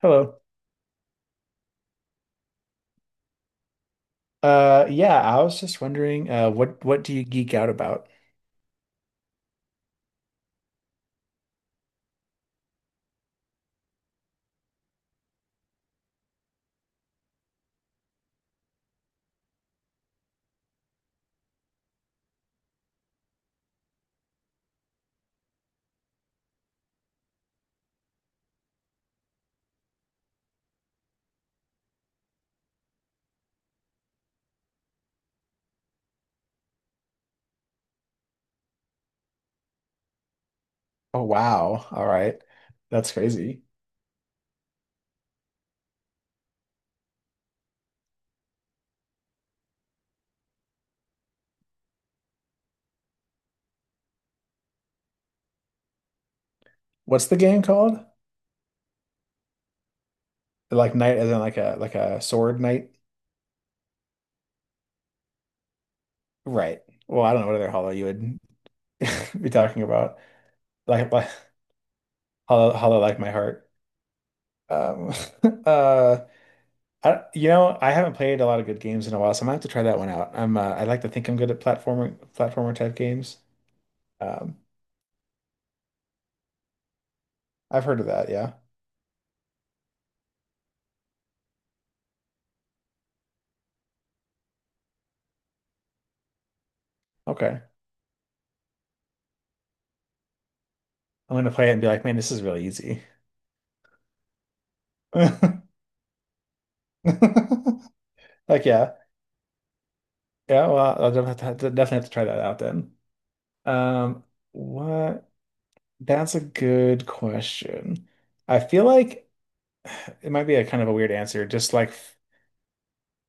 Hello. Yeah, I was just wondering, what do you geek out about? Oh wow, all right, that's crazy. What's the game called? Like knight, as in like a sword knight, right? Well, I don't know what other hollow you would be talking about. Like hollow like my heart. Um, uh, I haven't played a lot of good games in a while, so I might have to try that one out. I'm, I like to think I'm good at platformer type games. Um, I've heard of that. Yeah. Okay. I'm gonna play it and be like, man, this is really easy. Like yeah, yeah. Well, have to, definitely have to try that out then. Um, what? That's a good question. I feel like it might be a kind of a weird answer.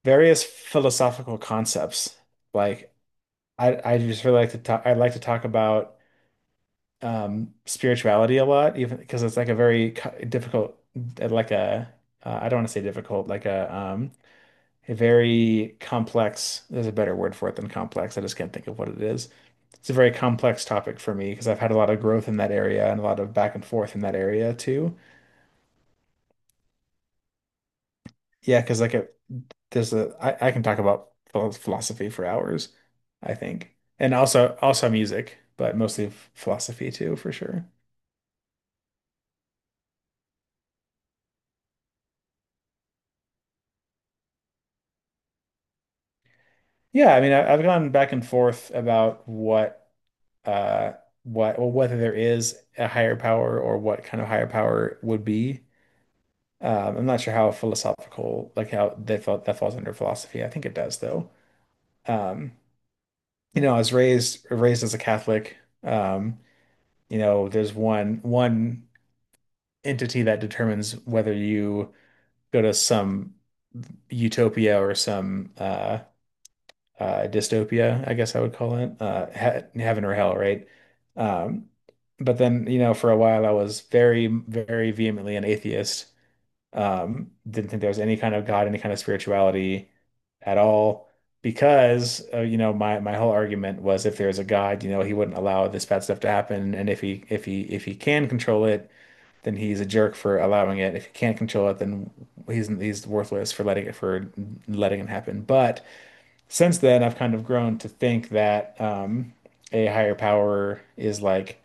Various philosophical concepts. Like I just really like to talk. I like to talk about spirituality a lot, even because it's like a like a I don't want to say difficult, like a very complex, there's a better word for it than complex. I just can't think of what it is. It's a very complex topic for me because I've had a lot of growth in that area and a lot of back and forth in that area too. Yeah, because like a, there's a I can talk about philosophy for hours, I think. And also music, but mostly philosophy too, for sure. Yeah, I mean I've gone back and forth about uh what well whether there is a higher power or what kind of higher power would be. I'm not sure how philosophical, like how they felt that falls under philosophy. I think it does though. Um, you know, I was raised as a Catholic. Um, you know, there's one entity that determines whether you go to some utopia or some dystopia, I guess I would call it, he heaven or hell, right? Um, but then, you know, for a while I was very, very vehemently an atheist. Didn't think there was any kind of God, any kind of spirituality at all, because you know, my whole argument was if there's a God, you know, he wouldn't allow this bad stuff to happen, and if he can control it, then he's a jerk for allowing it. If he can't control it, then he's worthless for letting it happen. But since then, I've kind of grown to think that a higher power is like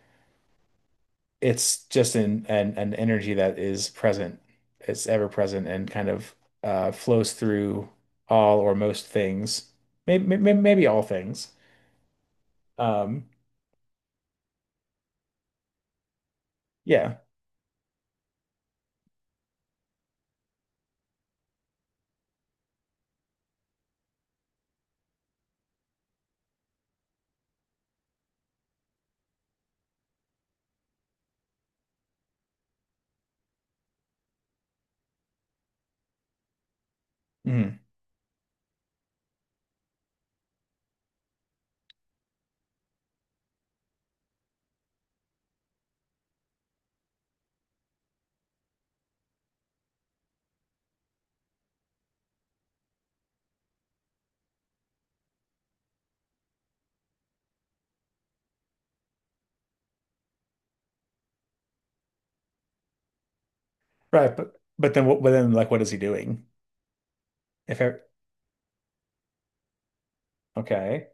it's just an energy that is present. It's ever present and kind of flows through all or most things, maybe all things. Um, yeah. Mhm. Right. But then what? But then like, what is he doing? If I, okay,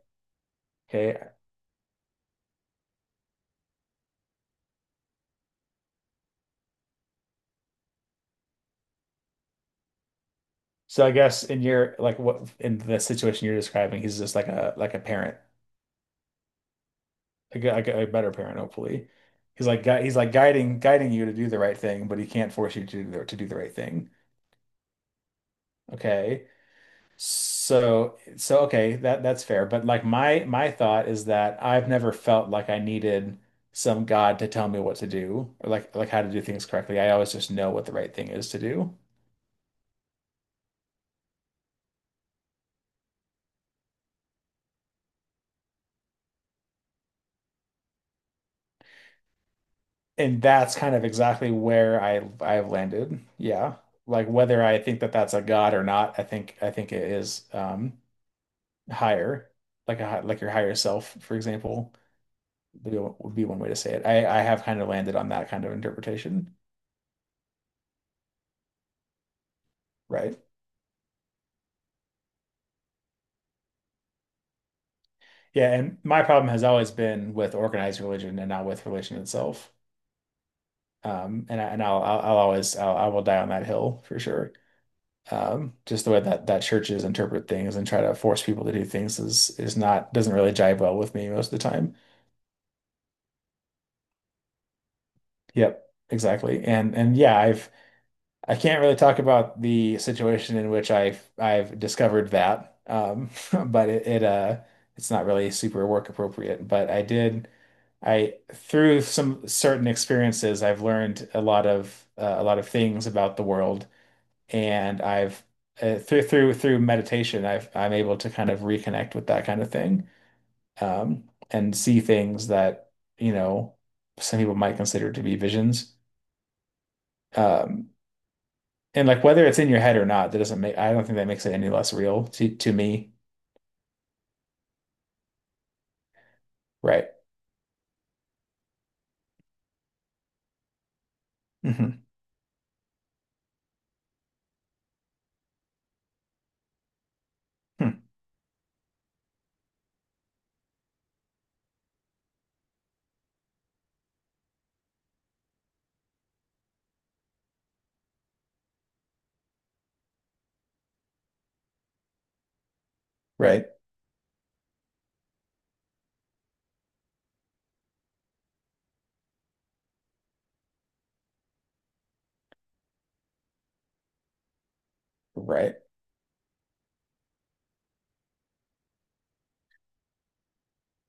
okay. So I guess in your like what in the situation you're describing, he's just like a parent, like like a better parent, hopefully. He's like he's like guiding you to do the right thing, but he can't force you to do the right thing. Okay. So okay, that that's fair. But like my thought is that I've never felt like I needed some God to tell me what to do or like how to do things correctly. I always just know what the right thing is to do. And that's kind of exactly where I've landed. Yeah. Like whether I think that that's a God or not, I think it is higher, like like your higher self, for example. Would be one way to say it. I have kind of landed on that kind of interpretation, right? Yeah, and my problem has always been with organized religion and not with religion itself. And I, and I'll always I'll, I will die on that hill for sure. Just the way that that churches interpret things and try to force people to do things is not doesn't really jive well with me most of the time. Yep, exactly. And yeah, I can't really talk about the situation in which I've discovered that, but it's not really super work appropriate. But I through some certain experiences I've learned a lot of things about the world, and I've through meditation I'm able to kind of reconnect with that kind of thing, um, and see things that you know some people might consider to be visions. Um, And like whether it's in your head or not, that doesn't make, I don't think that makes it any less real to me. Right. Hmm. Hmm. Right. Right.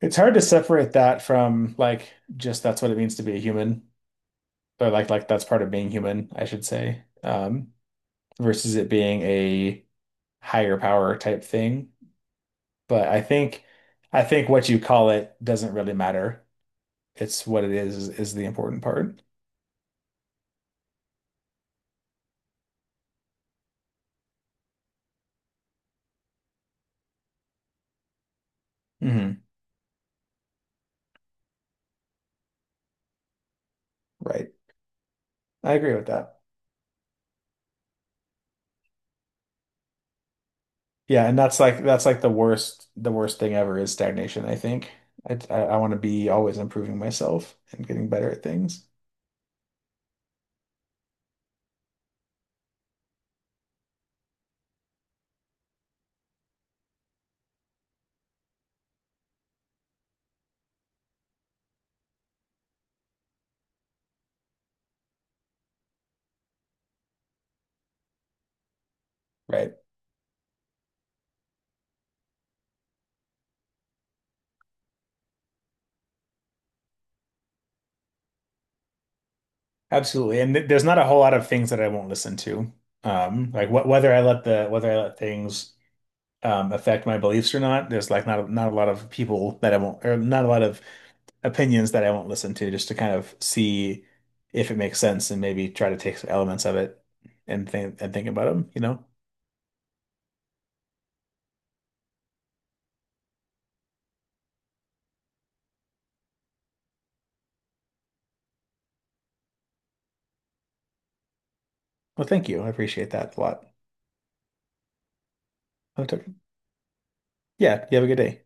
It's hard to separate that from like just that's what it means to be a human or like that's part of being human, I should say, versus it being a higher power type thing. But I think what you call it doesn't really matter. It's what it is is the important part. Hmm. Right. I agree with that. Yeah, and that's like the worst thing ever is stagnation, I think. Want to be always improving myself and getting better at things. Right. Absolutely. And th there's not a whole lot of things that I won't listen to. Like wh whether I let the whether I let things affect my beliefs or not, there's like not a lot of people that I won't or not a lot of opinions that I won't listen to just to kind of see if it makes sense and maybe try to take some elements of it and think about them, you know? Well, thank you. I appreciate that a lot. Yeah, you have a good day.